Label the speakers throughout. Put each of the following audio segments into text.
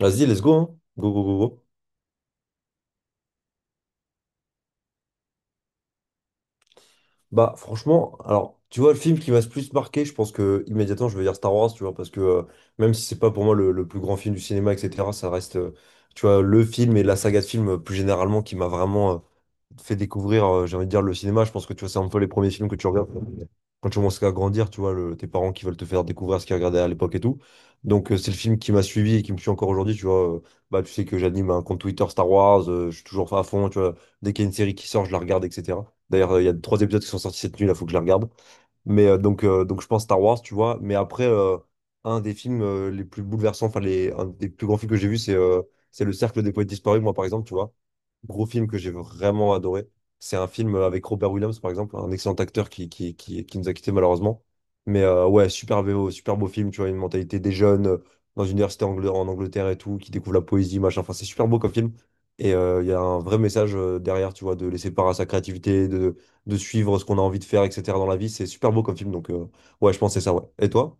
Speaker 1: Vas-y, let's go, hein. Go, go, go, go. Franchement, alors, tu vois, le film qui m'a le plus marqué, je pense que immédiatement, je vais dire Star Wars, tu vois, parce que même si c'est pas pour moi le plus grand film du cinéma, etc., ça reste, tu vois, le film et la saga de films plus généralement qui m'a vraiment, fait découvrir, j'ai envie de dire, le cinéma. Je pense que tu vois, c'est un peu les premiers films que tu regardes quand tu commences à grandir, tu vois, tes parents qui veulent te faire découvrir ce qu'ils regardaient à l'époque et tout. Donc, c'est le film qui m'a suivi et qui me suit encore aujourd'hui, tu vois. Tu sais que j'anime un compte Twitter Star Wars, je suis toujours à fond, tu vois. Dès qu'il y a une série qui sort, je la regarde, etc. D'ailleurs, il y a trois épisodes qui sont sortis cette nuit, là, faut que je la regarde. Donc je pense Star Wars, tu vois. Mais après, un des films les plus bouleversants, un des plus grands films que j'ai vu, c'est Le Cercle des poètes disparus, moi par exemple, tu vois. Gros film que j'ai vraiment adoré. C'est un film avec Robert Williams, par exemple, un excellent acteur qui nous a quittés malheureusement. Ouais, super beau film, tu vois, une mentalité des jeunes dans une en Angleterre et tout, qui découvre la poésie, machin. Enfin, c'est super beau comme film. Et il y a un vrai message derrière, tu vois, de laisser part à sa créativité, de suivre ce qu'on a envie de faire, etc. dans la vie. C'est super beau comme film, donc ouais, je pense que c'est ça, ouais. Et toi?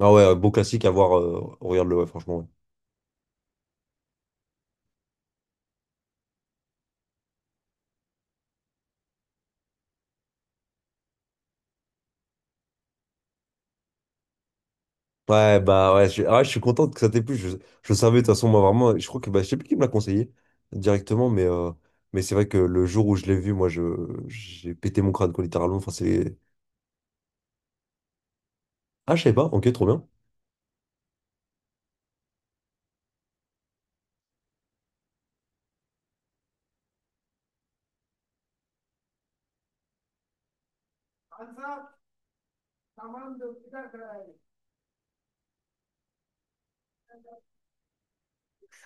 Speaker 1: Ah ouais, beau classique à voir, regarde-le, ouais, franchement, ouais. Ouais, bah ouais, ouais, je suis content que ça t'ait plu. Je savais, de toute façon, moi, vraiment, je crois que, bah, je sais plus qui me l'a conseillé directement, mais c'est vrai que le jour où je l'ai vu, j'ai pété mon crâne, quoi, littéralement. Enfin, c'est. Ah, je sais pas, ok, trop bien.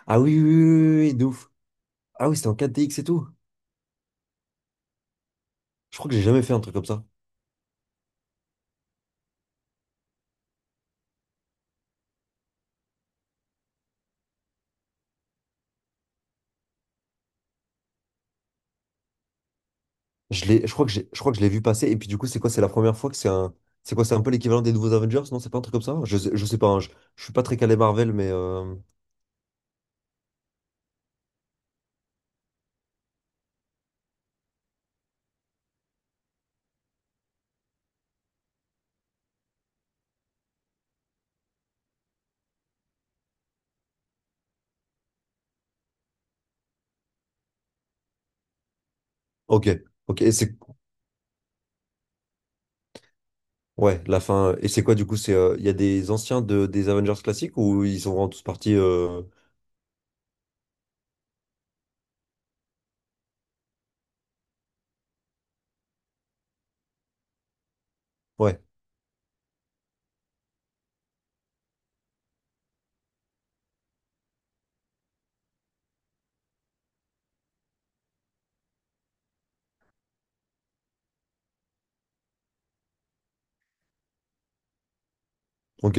Speaker 1: Ah oui, de ouf. Ah oui, c'était en 4 X et tout. Je crois que j'ai jamais fait un truc comme ça. Je l'ai, je crois que j'ai, je crois que je l'ai vu passer. Et puis du coup, c'est quoi? C'est la première fois que c'est quoi? C'est un peu l'équivalent des nouveaux Avengers? Non, c'est pas un truc comme ça? Je sais pas, hein, je suis pas très calé Marvel, mais ok, ok. Et c'est ouais, la fin. Et c'est quoi du coup? Il y a des anciens des Avengers classiques ou ils sont vraiment tous partis? Ouais, ok,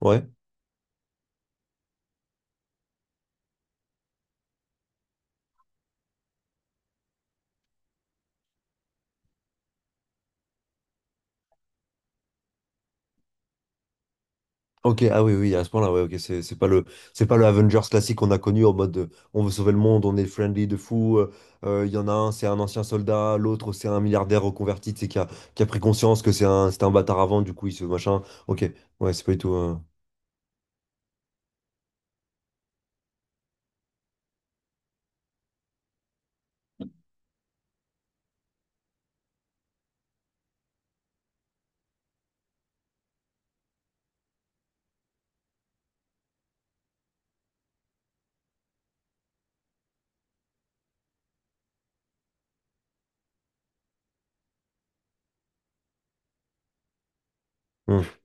Speaker 1: ouais. Ok, ah oui, oui, à ce point-là, ouais, ok, c'est pas c'est pas le Avengers classique qu'on a connu en mode on veut sauver le monde, on est friendly de fou. Il y en a un, c'est un ancien soldat, l'autre, c'est un milliardaire reconverti, tu sais, qui a pris conscience que c'était un bâtard avant, du coup, il se machin. Ok, ouais, c'est pas du tout. Hmm.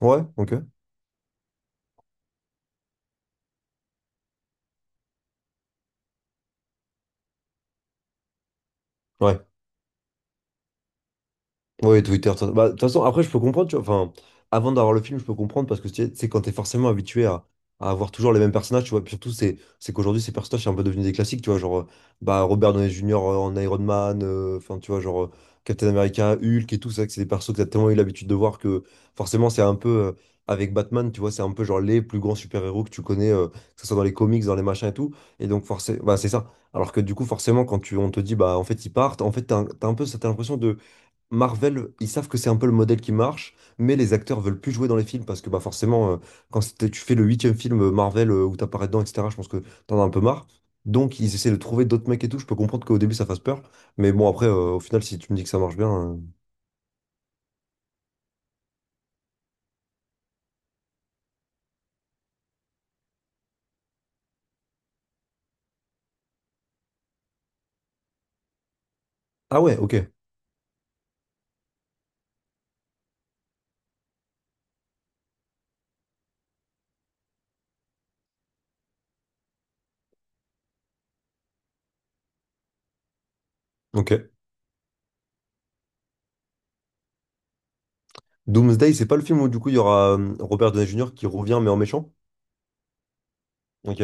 Speaker 1: Ouais, ok, ouais. Oui, Twitter. De toute façon, après, je peux comprendre, tu vois. Enfin, avant d'avoir le film, je peux comprendre parce que tu sais, quand t'es forcément habitué à avoir toujours les mêmes personnages, tu vois. Puis surtout, c'est qu'aujourd'hui, ces personnages sont un peu devenus des classiques, tu vois. Genre, bah, Robert Downey Jr. en Iron Man, enfin, tu vois, genre Captain America, Hulk et tout ça, que c'est des persos que t'as tellement eu l'habitude de voir que forcément, c'est un peu avec Batman, tu vois, c'est un peu genre les plus grands super-héros que tu connais, que ce soit dans les comics, dans les machins et tout. Et donc, forcément, bah, c'est ça. Alors que du coup, forcément, on te dit, bah, en fait, ils partent, en fait, t'as un peu cette impression Marvel, ils savent que c'est un peu le modèle qui marche, mais les acteurs veulent plus jouer dans les films parce que bah forcément, tu fais le huitième film Marvel où t'apparais dedans, etc., je pense que t'en as un peu marre. Donc ils essaient de trouver d'autres mecs et tout. Je peux comprendre qu'au début ça fasse peur, mais bon après, au final, si tu me dis que ça marche bien, ah ouais, ok, ok. Doomsday, c'est pas le film où du coup il y aura Robert Downey Jr. qui revient mais en méchant? Ok,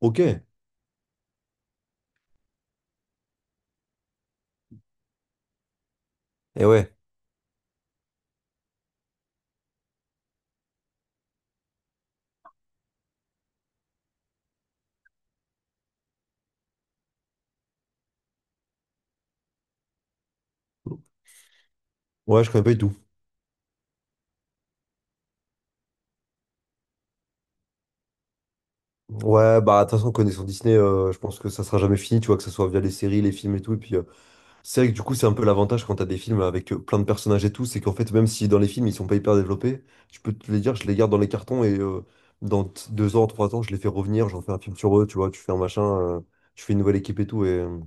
Speaker 1: ok. Et ouais, ouais, je connais pas du tout. Ouais, bah de toute façon, connaissant Disney, je pense que ça sera jamais fini, tu vois, que ce soit via les séries, les films et tout, et puis c'est vrai que du coup, c'est un peu l'avantage quand t'as des films avec plein de personnages et tout, c'est qu'en fait, même si dans les films, ils sont pas hyper développés, je peux te les dire, je les garde dans les cartons et deux ans, trois ans, je les fais revenir, j'en fais un film sur eux, tu vois, tu fais un machin, tu fais une nouvelle équipe et tout.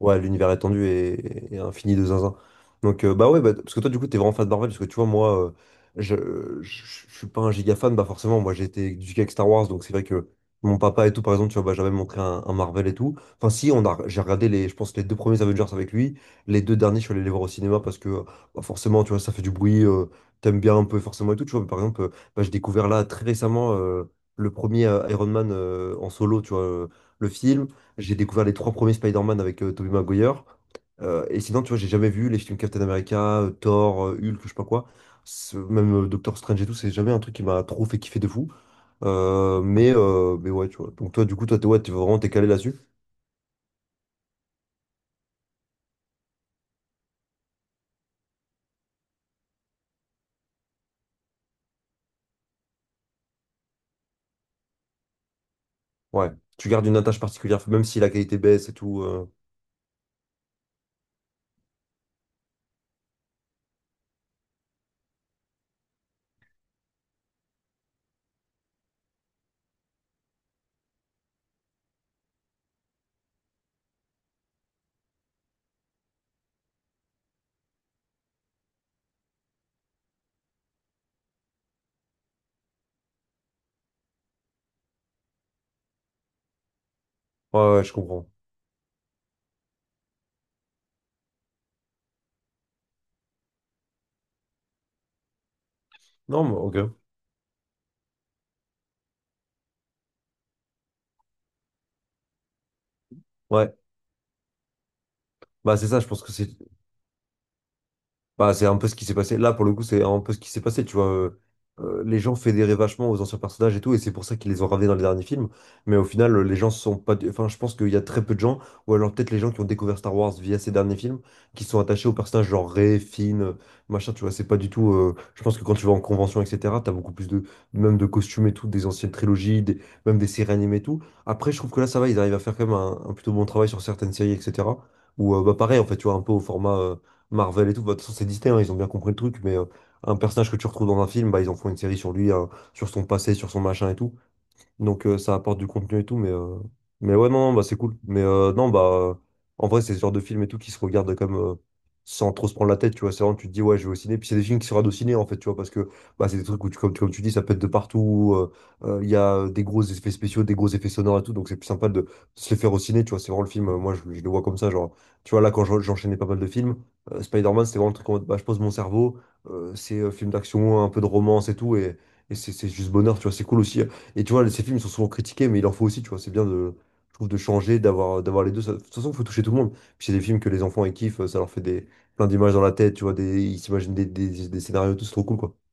Speaker 1: Ouais, l'univers étendu et infini de zinzin. Donc, bah ouais, bah, parce que toi, du coup, t'es vraiment fan de Marvel, parce que tu vois, moi, je, je suis pas un giga fan, bah forcément, moi, j'ai été éduqué avec Star Wars, donc c'est vrai que mon papa et tout, par exemple, tu vois, bah, j'avais montré un Marvel et tout. Enfin, si, j'ai regardé je pense, les deux premiers Avengers avec lui, les deux derniers, je suis allé les voir au cinéma parce que, bah, forcément, tu vois, ça fait du bruit, t'aimes bien un peu, forcément, et tout, tu vois, mais par exemple, bah, j'ai découvert là, très récemment, le premier Iron Man en solo, tu vois, le film. J'ai découvert les trois premiers Spider-Man avec Tobey Maguire. Et sinon, tu vois, j'ai jamais vu les films Captain America, Thor, Hulk, je sais pas quoi. Même Doctor Strange et tout, c'est jamais un truc qui m'a trop fait kiffer de fou. Mais ouais, tu vois. Donc toi, du coup, toi, t'es ouais, t'es vraiment t'es calé là-dessus. Ouais. Tu gardes une attache particulière, même si la qualité baisse et tout. Ouais, ouais, je comprends. Non, mais ok. Ouais. Bah, c'est ça, je pense que c'est bah, c'est un peu ce qui s'est passé. Là, pour le coup, c'est un peu ce qui s'est passé, tu vois. Les gens fédéraient vachement aux anciens personnages et tout, et c'est pour ça qu'ils les ont ramenés dans les derniers films. Mais au final, les gens sont pas. Enfin, je pense qu'il y a très peu de gens, ou alors peut-être les gens qui ont découvert Star Wars via ces derniers films, qui sont attachés aux personnages genre Rey, Finn, machin, tu vois. C'est pas du tout. Je pense que quand tu vas en convention, etc., t'as beaucoup plus de. Même de costumes et tout, des anciennes même des séries animées et tout. Après, je trouve que là, ça va, ils arrivent à faire quand même un plutôt bon travail sur certaines séries, etc. Ou bah, pareil, en fait, tu vois, un peu au format Marvel et tout. Bah, de toute façon, c'est Disney, hein, ils ont bien compris le truc, mais un personnage que tu retrouves dans un film, bah, ils en font une série sur lui, hein, sur son passé, sur son machin et tout. Donc ça apporte du contenu et tout, mais ouais, non, non, bah, c'est cool. Mais non, bah en vrai, c'est ce genre de film et tout qui se regarde comme sans trop se prendre la tête, tu vois. C'est vraiment, tu te dis, ouais, je vais au ciné. Puis c'est des films qui se regardent au ciné, en fait, tu vois, parce que bah, c'est des trucs comme, comme tu dis, ça peut être de partout. Il y a des gros effets spéciaux, des gros effets sonores et tout, donc c'est plus sympa de se les faire au ciné, tu vois. C'est vraiment le film, je le vois comme ça, genre, tu vois, là, j'enchaînais pas mal de films, Spider-Man, c'était vraiment le truc en mode, bah, je pose mon cerveau, c'est film d'action, un peu de romance et tout, et. Et c'est juste bonheur, tu vois. C'est cool aussi. Et tu vois, ces films sont souvent critiqués, mais il en faut aussi, tu vois. C'est bien de, je trouve, de changer, d'avoir les deux. De toute façon, il faut toucher tout le monde. Puis c'est des films que les enfants, ils kiffent, ça leur fait des, plein d'images dans la tête, tu vois, des, ils s'imaginent des scénarios, tout, c'est trop cool, quoi.